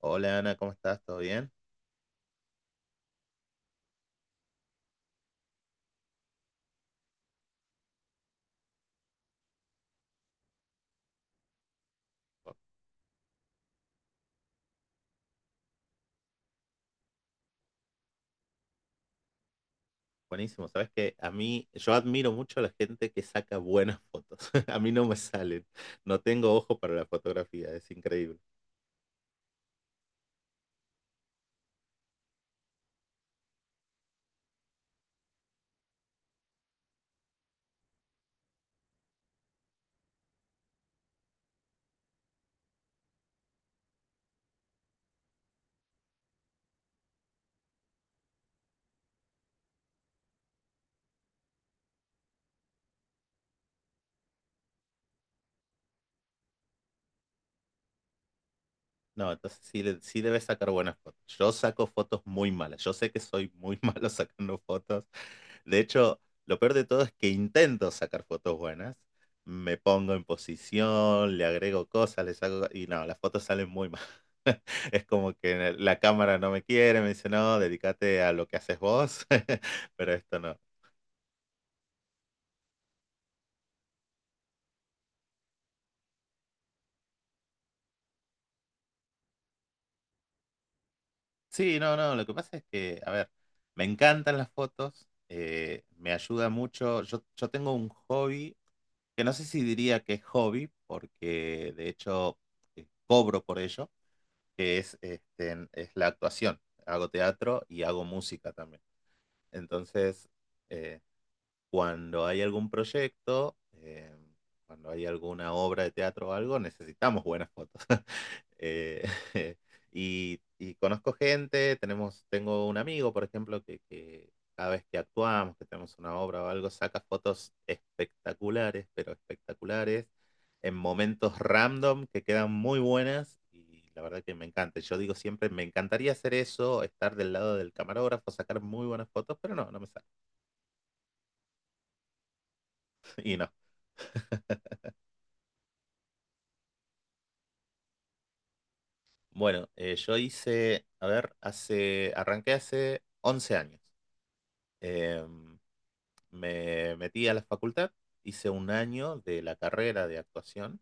Hola Ana, ¿cómo estás? ¿Todo bien? Bu- Buenísimo. Sabes que a mí, yo admiro mucho a la gente que saca buenas fotos. A mí no me salen. No tengo ojo para la fotografía, es increíble. No, entonces sí, sí debes sacar buenas fotos. Yo saco fotos muy malas. Yo sé que soy muy malo sacando fotos. De hecho, lo peor de todo es que intento sacar fotos buenas. Me pongo en posición, le agrego cosas, le saco. Y no, las fotos salen muy mal. Es como que la cámara no me quiere, me dice, no, dedícate a lo que haces vos, pero esto no. Sí, no, no, lo que pasa es que, a ver, me encantan las fotos, me ayuda mucho. Yo tengo un hobby, que no sé si diría que es hobby, porque de hecho cobro por ello, que es la actuación. Hago teatro y hago música también. Entonces, eh, cuando hay algún proyecto, cuando hay alguna obra de teatro o algo, necesitamos buenas fotos. Eh, y conozco gente, tengo un amigo, por ejemplo, que cada vez que actuamos, que tenemos una obra o algo, saca fotos espectaculares, pero espectaculares, en momentos random que quedan muy buenas. Y la verdad que me encanta. Yo digo siempre, me encantaría hacer eso, estar del lado del camarógrafo, sacar muy buenas fotos, pero no, no me sale. Y no, bueno, yo a ver, arranqué hace 11 años. Eh, me metí a la facultad, hice un año de la carrera de actuación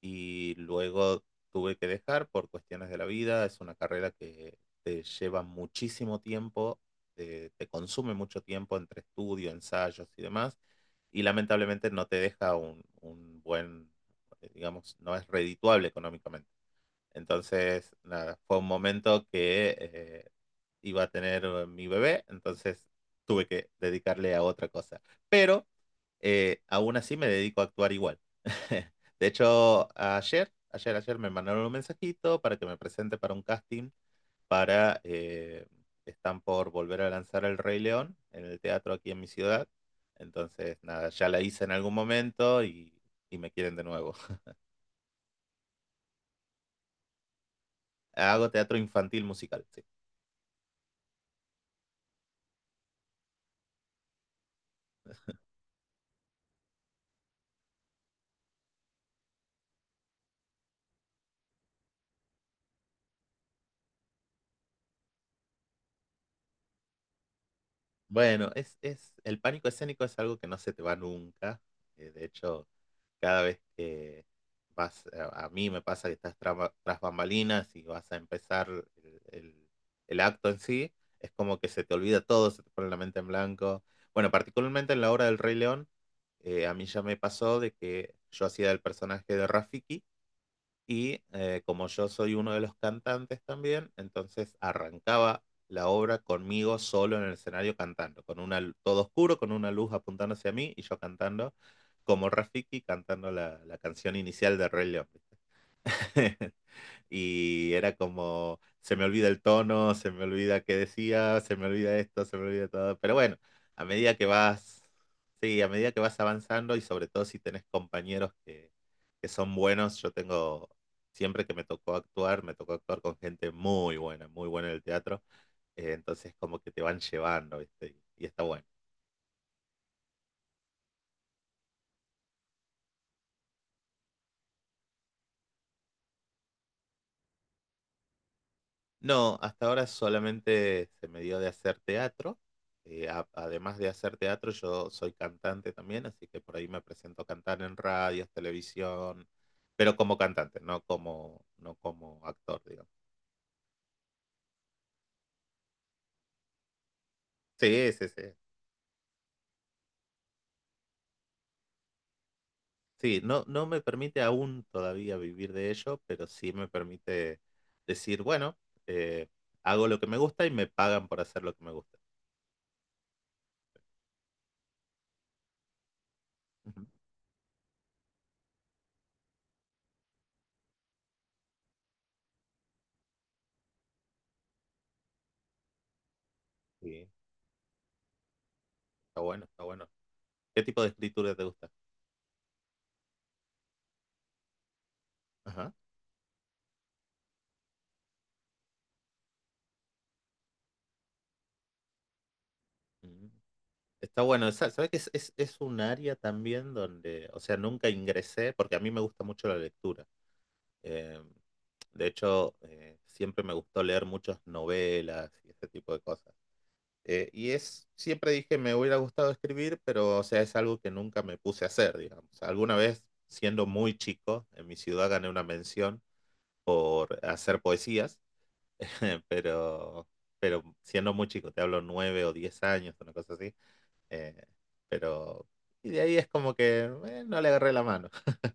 y luego tuve que dejar por cuestiones de la vida. Es una carrera que te lleva muchísimo tiempo, te consume mucho tiempo entre estudio, ensayos y demás. Y lamentablemente no te deja un buen, digamos, no es redituable económicamente. Entonces, nada, fue un momento que iba a tener mi bebé, entonces tuve que dedicarle a otra cosa. Pero aún así me dedico a actuar igual. De hecho, ayer me mandaron un mensajito para que me presente para un casting para... eh, están por volver a lanzar El Rey León en el teatro aquí en mi ciudad. Entonces, nada, ya la hice en algún momento y, me quieren de nuevo. Hago teatro infantil musical, sí. Bueno, el pánico escénico es algo que no se te va nunca. De hecho, cada vez que a mí me pasa que estás tras bambalinas y vas a empezar el, el- el acto en sí, es como que se te olvida todo, se te pone la mente en blanco. Bueno, particularmente en la obra del Rey León, a mí ya me pasó de que yo hacía el personaje de Rafiki y como yo soy uno de los cantantes también, entonces arrancaba la obra conmigo solo en el escenario cantando, todo oscuro, con una luz apuntando hacia mí y yo cantando como Rafiki, cantando la canción inicial de Rey León. ¿Viste? Y era como, se me olvida el tono, se me olvida qué decía, se me olvida esto, se me olvida todo. Pero bueno, a medida que vas, sí, a medida que vas avanzando y sobre todo si tenés compañeros que son buenos, yo tengo, siempre que me tocó actuar con gente muy buena en el teatro. Entonces como que te van llevando, ¿viste? Y está bueno. No, hasta ahora solamente se me dio de hacer teatro. Además de hacer teatro, yo soy cantante también, así que por ahí me presento a cantar en radios, televisión, pero como cantante, no como actor, digamos. Sí, sí, sí. Sí, no, no me permite aún todavía vivir de ello, pero sí me permite decir, bueno, eh, hago lo que me gusta y me pagan por hacer lo que me gusta. Ujú. Sí, está bueno, está bueno. ¿Qué tipo de escritura te gusta? Ajá. Mm. Está bueno, ¿sabes que es un área también donde, o sea, nunca ingresé porque a mí me gusta mucho la lectura. Eh, de hecho, siempre me gustó leer muchas novelas y ese tipo de cosas. Siempre dije, me hubiera gustado escribir, pero, o sea, es algo que nunca me puse a hacer, digamos. Alguna vez, siendo muy chico, en mi ciudad gané una mención por hacer poesías. pero, pero siendo muy chico, te hablo 9 o 10 años, una cosa así. Eh, pero. Y de ahí es como que no le agarré la mano.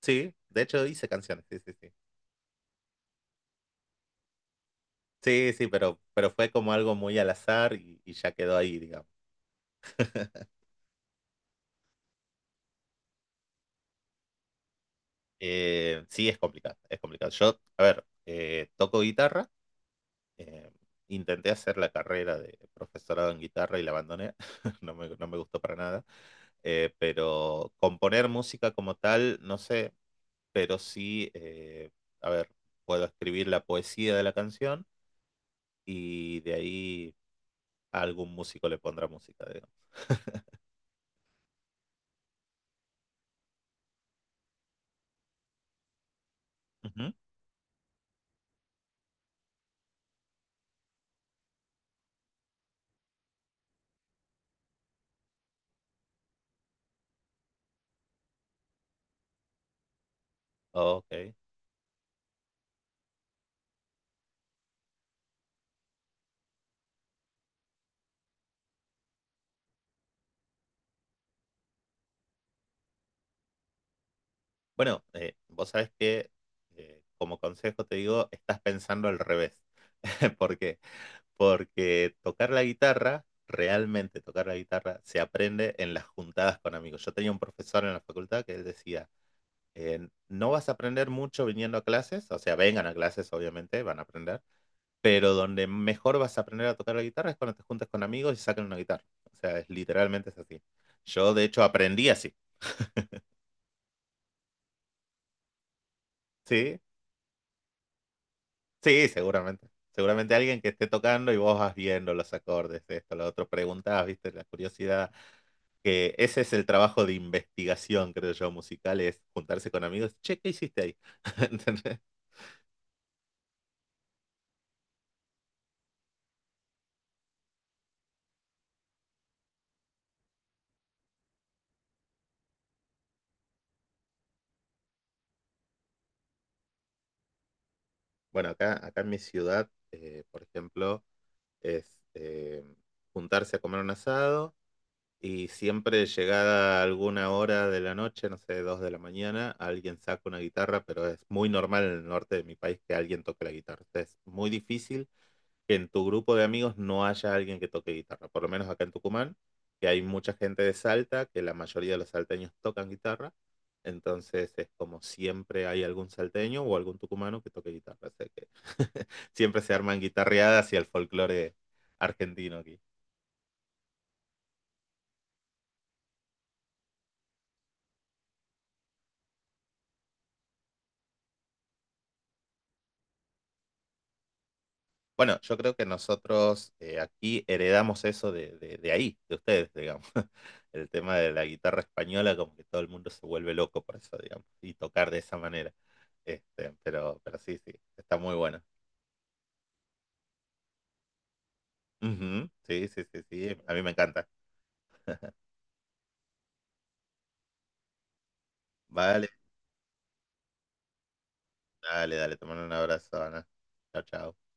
Sí, de hecho hice canciones, sí, sí, sí. Sí, sí, pero fue como algo muy al azar y, ya quedó ahí, digamos. Sí, es complicado, es complicado. Yo, a ver, toco guitarra. eh, Intenté hacer la carrera de profesorado en guitarra y la abandoné. No me gustó para nada. Pero componer música como tal, no sé, pero sí, a ver, puedo escribir la poesía de la canción y de ahí a algún músico le pondrá música, digamos. Ujú. Ok. Bueno, vos sabés que como consejo te digo, estás pensando al revés. ¿Por qué? Porque tocar la guitarra, realmente tocar la guitarra, se aprende en las juntadas con amigos. Yo tenía un profesor en la facultad que él decía, no vas a aprender mucho viniendo a clases, o sea, vengan a clases, obviamente, van a aprender, pero donde mejor vas a aprender a tocar la guitarra es cuando te juntas con amigos y sacan una guitarra. O sea, literalmente es así. Yo, de hecho, aprendí así. Sí, sí, seguramente. Seguramente alguien que esté tocando y vos vas viendo los acordes, esto, lo otro, preguntás, viste, la curiosidad. Que ese es el trabajo de investigación, creo yo, musical, es juntarse con amigos. Che, ¿qué hiciste ahí? ¿Entendés? Bueno, acá en mi ciudad, por ejemplo, es juntarse a comer un asado. Y siempre llegada alguna hora de la noche, no sé, 2 de la mañana, alguien saca una guitarra, pero es muy normal en el norte de mi país que alguien toque la guitarra. O sea, es muy difícil que en tu grupo de amigos no haya alguien que toque guitarra, por lo menos acá en Tucumán, que hay mucha gente de Salta, que la mayoría de los salteños tocan guitarra, entonces es como siempre hay algún salteño o algún tucumano que toque guitarra, o sea que siempre se arman guitarreadas y el folclore argentino aquí. Bueno, yo creo que nosotros aquí heredamos eso de ahí, de ustedes, digamos. El tema de la guitarra española, como que todo el mundo se vuelve loco por eso, digamos, y tocar de esa manera. Pero sí, sí, está muy bueno. Ujú. Sí, sí, sí, sí, a mí me encanta. Vale, dale, dale, te mando un abrazo, Ana. Chao, chao.